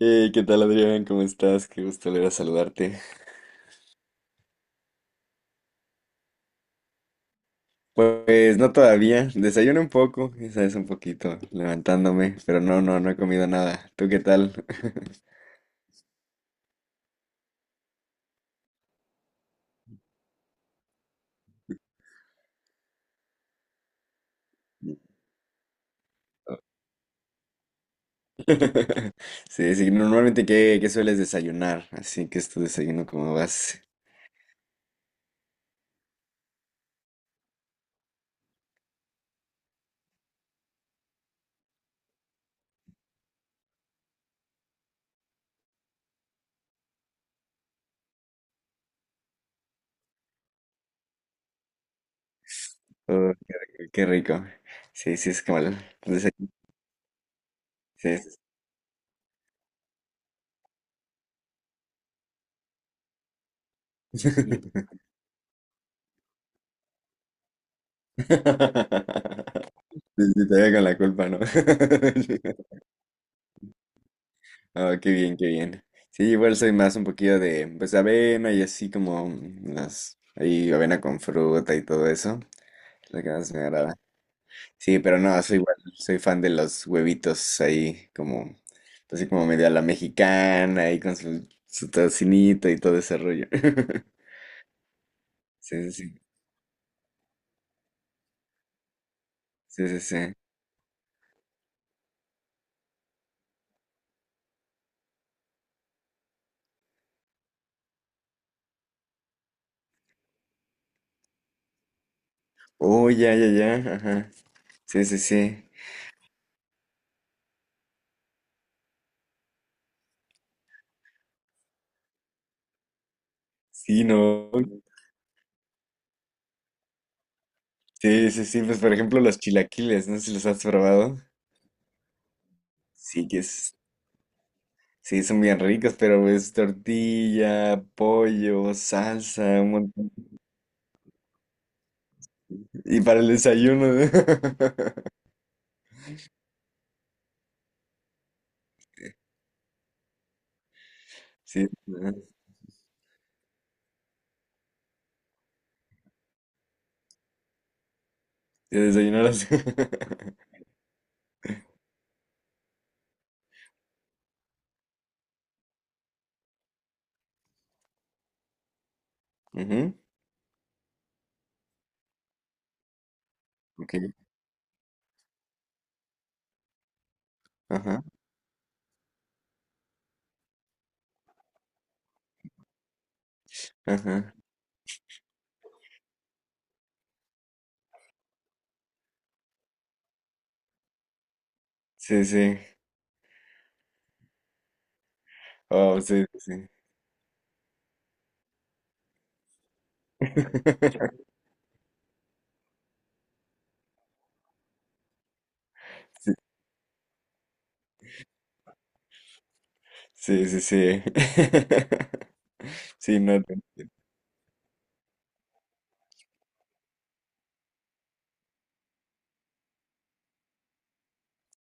Hey, ¿qué tal Adrián? ¿Cómo estás? Qué gusto volver a saludarte. Pues no todavía, desayuno un poco, esa es un poquito, levantándome, pero no he comido nada. ¿Tú qué tal? Sí, sí, no, normalmente ¿qué sueles desayunar? Así que es tu desayuno como vas. Oh, qué rico. Qué rico. Sí, sí, es como el desayuno. Sí, sí. Sí. Sí, sí, te veo con la culpa, ¿no? Ah, qué bien, qué bien. Sí, igual soy más un poquillo de, pues, avena y así como las, ahí avena con fruta y todo eso. Es lo que más me agrada. Sí, pero no, soy igual, soy fan de los huevitos ahí como, así como medio a la mexicana, ahí con su, su tocinito y todo ese rollo. Sí, sí, sí, sí, sí, sí. Oh, ya, ya, ya, ajá. Sí, sí, sí. Sí, no. Sí, sí, sí, pues por ejemplo los chilaquiles, no sé si los has probado. Sí, que es. Sí, son bien ricos, pero es tortilla, pollo, salsa, un montón. Y para el desayuno. Sí, ajá, desayuno. Desayunar así. Ujú, ok, ajá, ajá. Sí, sí. Oh, sí, sí. Sí, sí, sí. Sí, sí, no, te-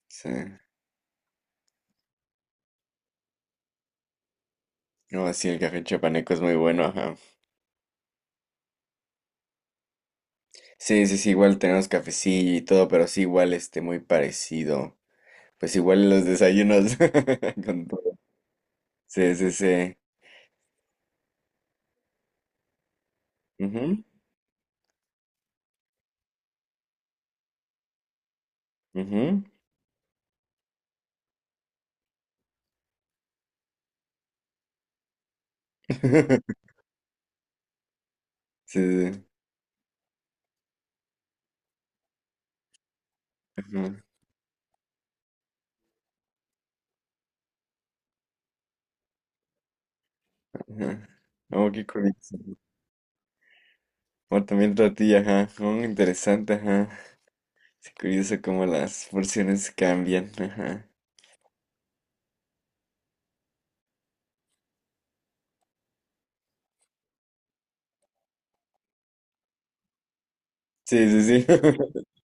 sí. No, sí, el café chapaneco es muy bueno, ajá. Sí, sí, sí, igual tenemos cafecillo y todo, pero sí, igual este, muy parecido. Pues igual los desayunos. Con todo. Sí, sí, sí. Ujú, ujú. Sí, sí, sí. Ajá, ajá. Oh, qué curioso. O también tortilla, ajá. Oh, interesante, ajá. Es curioso cómo las porciones cambian, ajá. Sí, sí, sí.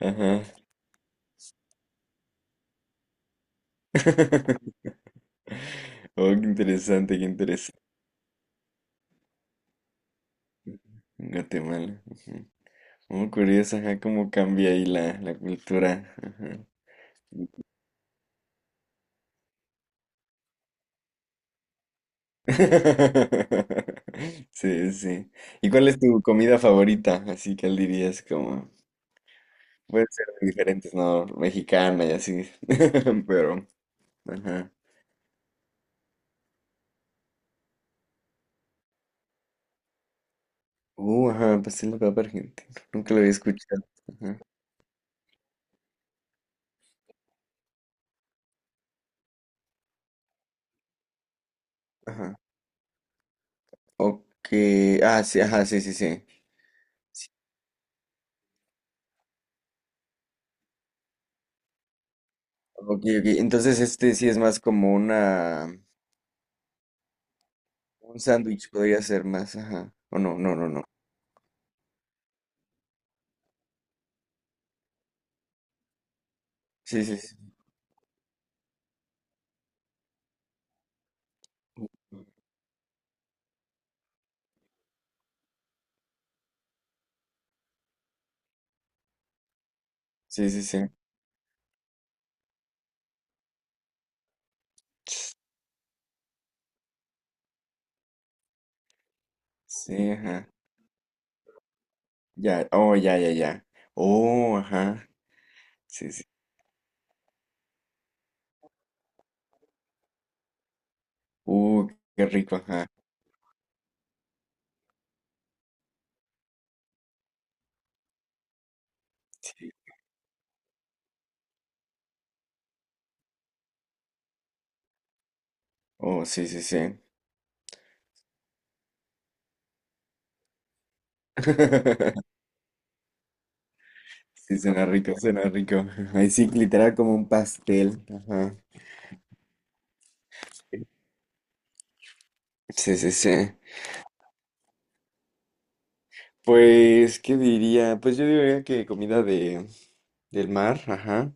Ajá. Oh, qué interesante, qué interesante. En Guatemala. Ujú. Oh, curioso, ajá, cómo cambia ahí la cultura. Ajá. Sí, sí. ¿Y cuál es tu comida favorita? Así que él dirías como, puede ser de diferentes, ¿no? Mexicana y así. Pero, ajá. Ajá, pastel de papa argentino. Nunca lo había escuchado. Ajá. Ajá. Ok. Ah, sí, ajá, sí, sí, sí. Sí, ok, ok. Entonces este sí es más como una, un sándwich podría ser más, ajá. O no, no, no, no. Sí, sí, sí. Sí, sí, sí. Sí, ajá. Ya, oh, ya, ya, ya. Oh, ajá. Sí, sí. Uh, qué rico, ajá. Sí. Oh, sí, sí, sí. Sí, suena rico, suena rico. Ahí sí, literal como un pastel. Ajá. Sí, sí, sí. Pues, ¿qué diría? Pues yo diría que comida de, del mar, ajá.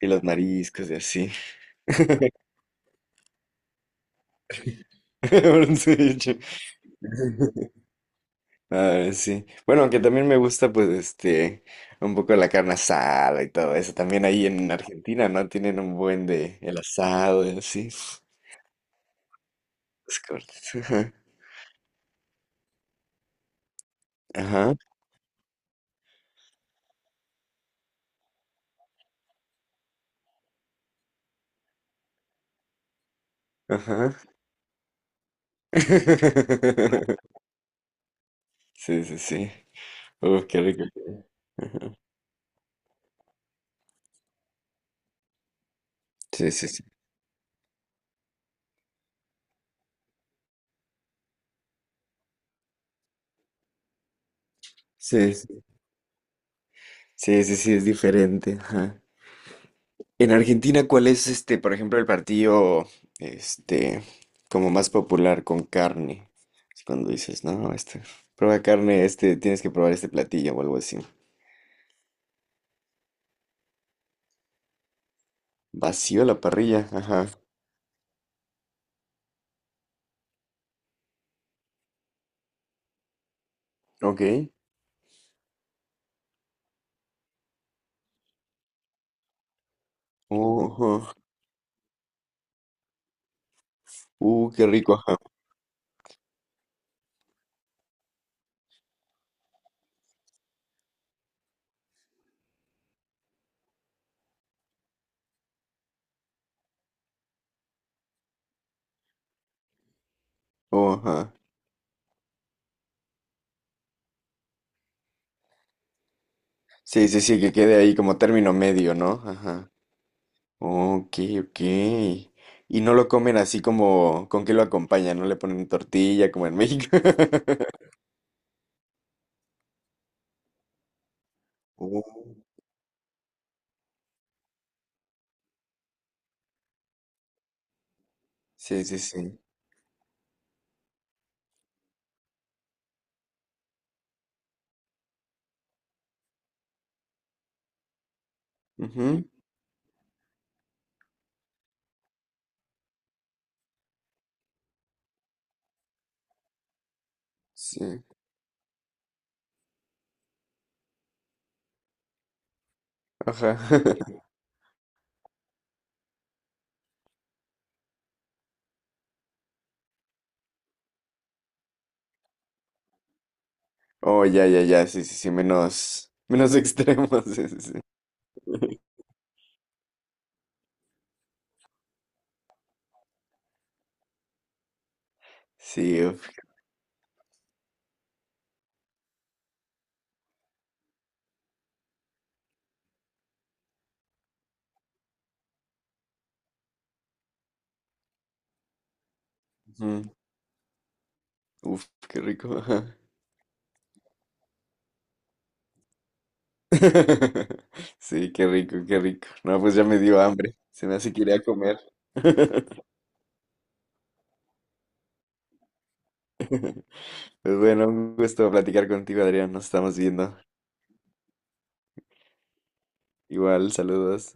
Y los mariscos y así. Un ceviche. Ah, sí. Bueno, aunque también me gusta, pues, este, un poco la carne asada y todo eso. También ahí en Argentina, ¿no? Tienen un buen de el asado y así. Los cortes. Ajá, ajá. Ajá. Sí, sí, sí. Uf, qué rico. Sí, sí, sí. Sí, sí, sí, sí, sí, es diferente. Ajá. En Argentina, ¿cuál es este, por ejemplo, el partido este como más popular con carne? Así cuando dices, no, este, prueba carne, este, tienes que probar este platillo o algo así. Vacío la parrilla, ajá. Ok. Ojo. Qué rico, ajá. Oh, ajá. Sí, sí, sí, que quede ahí como término medio, ¿no? Ajá. Ok, ok. Y no lo comen así como, ¿con qué lo acompañan? No le ponen tortilla como en México. Oh, sí, sí, sí. Ujú. Sí, ajá. Oh, ya, ya, ya, sí, sí, sí, menos, menos extremos, sí, sí, sí. Sí, uf, ujú, uf, qué rico, ajá. Sí, qué rico, qué rico. No, pues ya me dio hambre, se me hace que iré a comer. Pues bueno, un gusto platicar contigo, Adrián, nos estamos viendo. Igual, saludos.